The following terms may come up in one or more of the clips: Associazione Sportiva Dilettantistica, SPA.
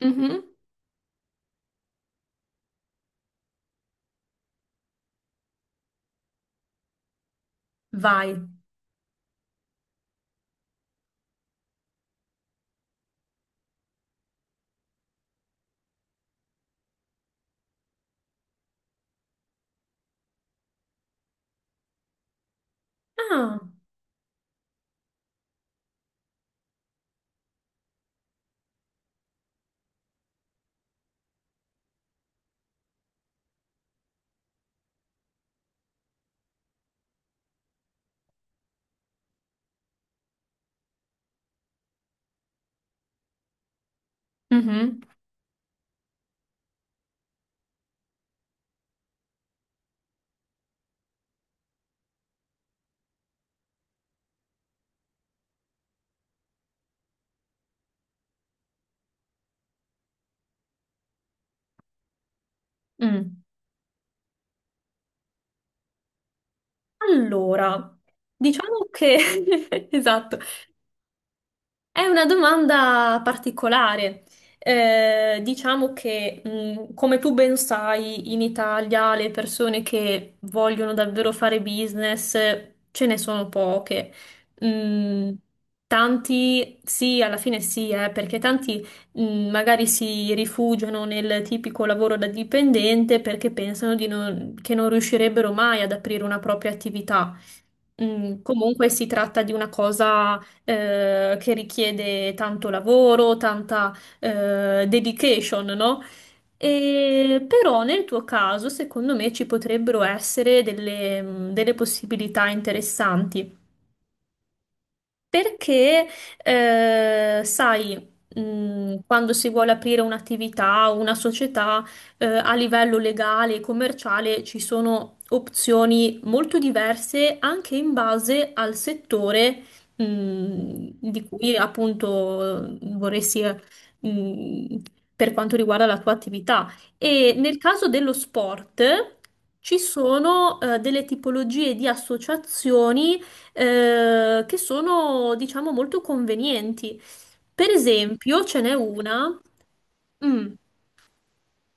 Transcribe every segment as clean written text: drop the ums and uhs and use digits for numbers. Mhm. Vai. Ah, mhm, mm. Allora, diciamo che esatto, è una domanda particolare. Diciamo che, come tu ben sai, in Italia le persone che vogliono davvero fare business ce ne sono poche. Mm, Tanti, sì, alla fine sì, perché tanti, magari si rifugiano nel tipico lavoro da dipendente perché pensano di che non riuscirebbero mai ad aprire una propria attività. Comunque si tratta di una cosa che richiede tanto lavoro, tanta dedication, no? E però nel tuo caso, secondo me, ci potrebbero essere delle possibilità interessanti. Perché, sai, quando si vuole aprire un'attività o una società, a livello legale e commerciale ci sono opzioni molto diverse anche in base al settore, mh, di cui appunto vorresti, mh, per quanto riguarda la tua attività. E nel caso dello sport ci sono delle tipologie di associazioni che sono, diciamo, molto convenienti. Per esempio, mm,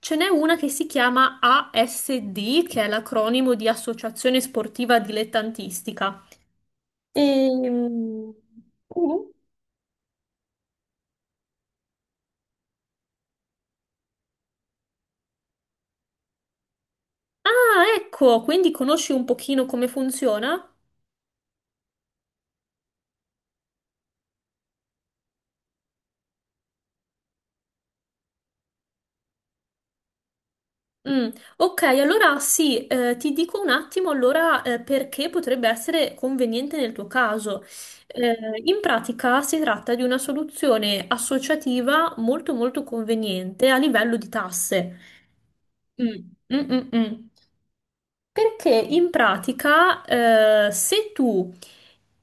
ce n'è una che si chiama ASD, che è l'acronimo di Associazione Sportiva Dilettantistica. Ehm, mm, Ah, ecco, quindi conosci un pochino come funziona? Mm, ok, allora sì, ti dico un attimo allora perché potrebbe essere conveniente nel tuo caso. In pratica si tratta di una soluzione associativa molto molto conveniente a livello di tasse. Mm, mm, mm, mm. Perché in pratica, se tu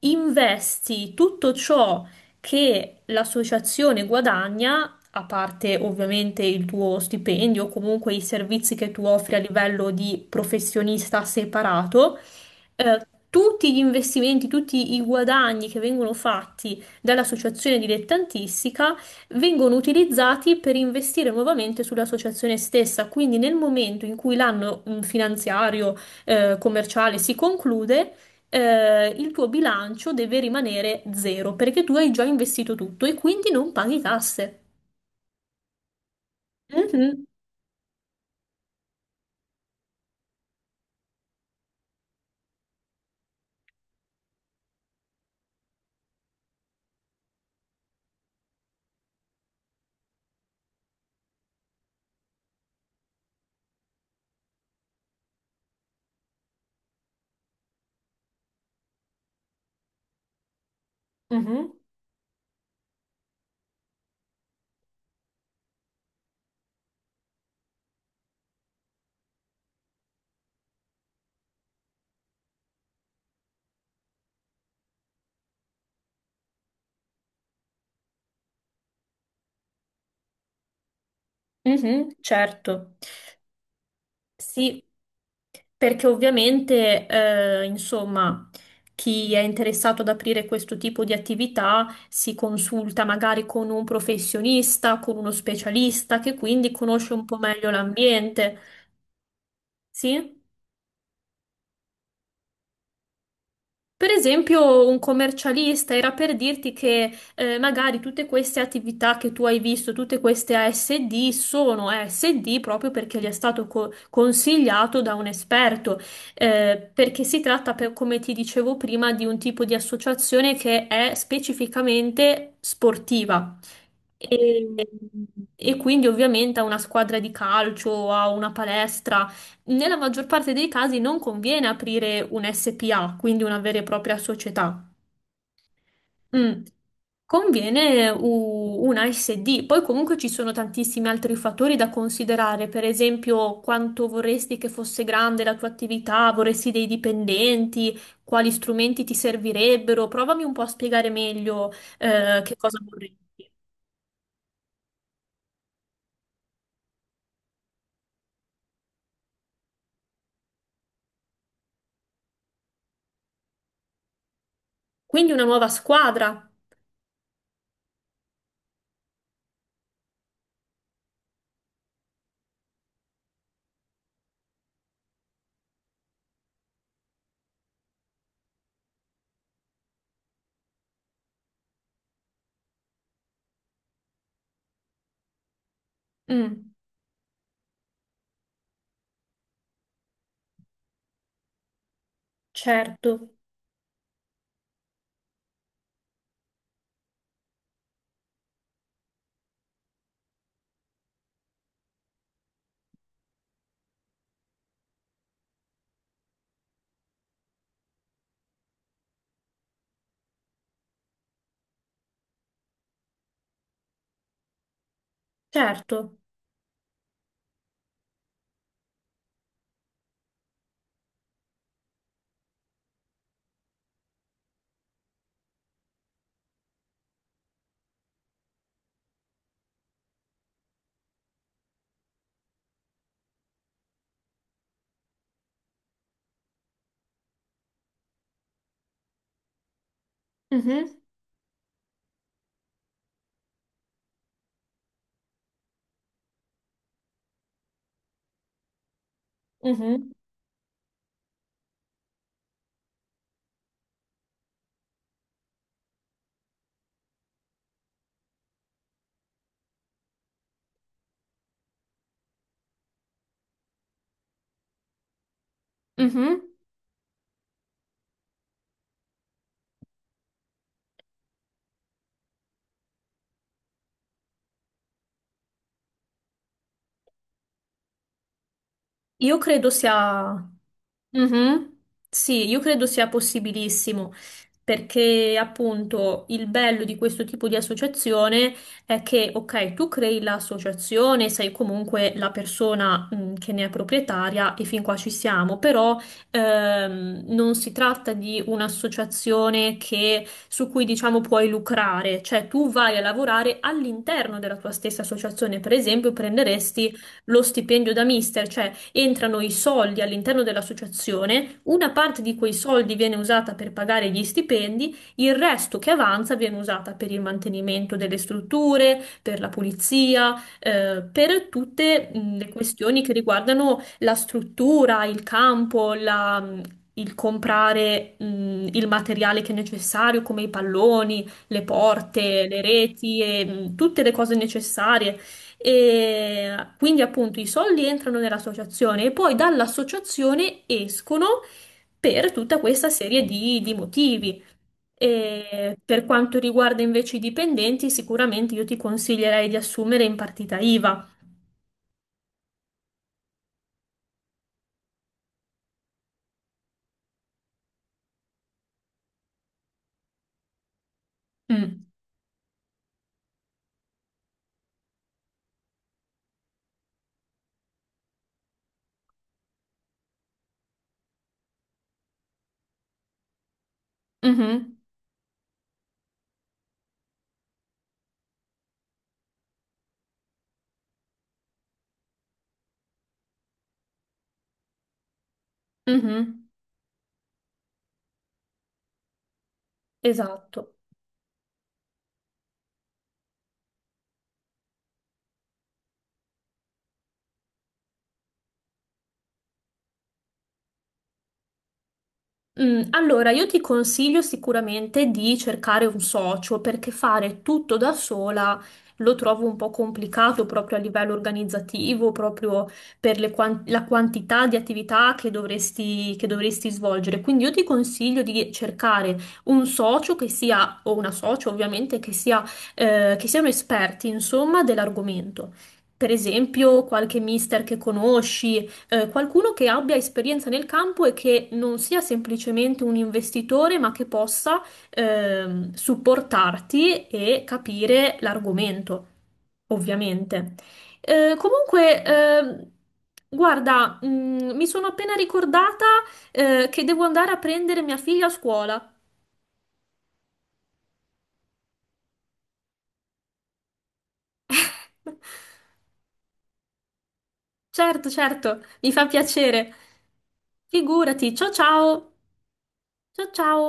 investi tutto ciò che l'associazione guadagna, a parte ovviamente il tuo stipendio o comunque i servizi che tu offri a livello di professionista separato, tutti gli investimenti, tutti i guadagni che vengono fatti dall'associazione dilettantistica vengono utilizzati per investire nuovamente sull'associazione stessa. Quindi nel momento in cui l'anno finanziario commerciale si conclude, il tuo bilancio deve rimanere zero perché tu hai già investito tutto e quindi non paghi tasse. Mhm, mhm, mhm, certo. Sì. Perché ovviamente, insomma, chi è interessato ad aprire questo tipo di attività si consulta magari con un professionista, con uno specialista che quindi conosce un po' meglio l'ambiente. Sì? Per esempio, un commercialista era per dirti che magari tutte queste attività che tu hai visto, tutte queste ASD, sono ASD proprio perché gli è stato consigliato da un esperto, perché si tratta, come ti dicevo prima, di un tipo di associazione che è specificamente sportiva. E e quindi ovviamente a una squadra di calcio, a una palestra. Nella maggior parte dei casi non conviene aprire un SPA, quindi una vera e propria società. Mm. Conviene una SD. Poi comunque ci sono tantissimi altri fattori da considerare, per esempio quanto vorresti che fosse grande la tua attività, vorresti dei dipendenti, quali strumenti ti servirebbero. Provami un po' a spiegare meglio che cosa vorresti. Quindi una nuova squadra. Mm, certo, certo. Mhm, mhm, mhm. Io credo sia... Mhm. Sì, io credo sia possibilissimo, perché appunto il bello di questo tipo di associazione è che, ok, tu crei l'associazione, sei comunque la persona, che ne è proprietaria e fin qua ci siamo, però non si tratta di un'associazione su cui diciamo puoi lucrare, cioè tu vai a lavorare all'interno della tua stessa associazione, per esempio prenderesti lo stipendio da mister, cioè entrano i soldi all'interno dell'associazione, una parte di quei soldi viene usata per pagare gli stipendi, il resto che avanza viene usata per il mantenimento delle strutture, per la pulizia, per tutte le questioni che riguardano la struttura, il campo, il comprare il materiale che è necessario, come i palloni, le porte, le reti e tutte le cose necessarie. E quindi appunto i soldi entrano nell'associazione e poi dall'associazione escono per tutta questa serie di motivi. E per quanto riguarda invece i dipendenti, sicuramente io ti consiglierei di assumere in partita IVA. Mm. Mhm. Mhm. Esatto. Allora, io ti consiglio sicuramente di cercare un socio perché fare tutto da sola lo trovo un po' complicato proprio a livello organizzativo, proprio per la quantità di attività che dovresti svolgere. Quindi io ti consiglio di cercare un socio che sia, o una socio ovviamente, che sia, che siano esperti, insomma, dell'argomento. Per esempio, qualche mister che conosci qualcuno che abbia esperienza nel campo e che non sia semplicemente un investitore, ma che possa supportarti e capire l'argomento, ovviamente. Comunque, guarda, mi sono appena ricordata che devo andare a prendere mia figlia a scuola. Certo, certo, mi fa piacere. Figurati, ciao ciao. Ciao ciao.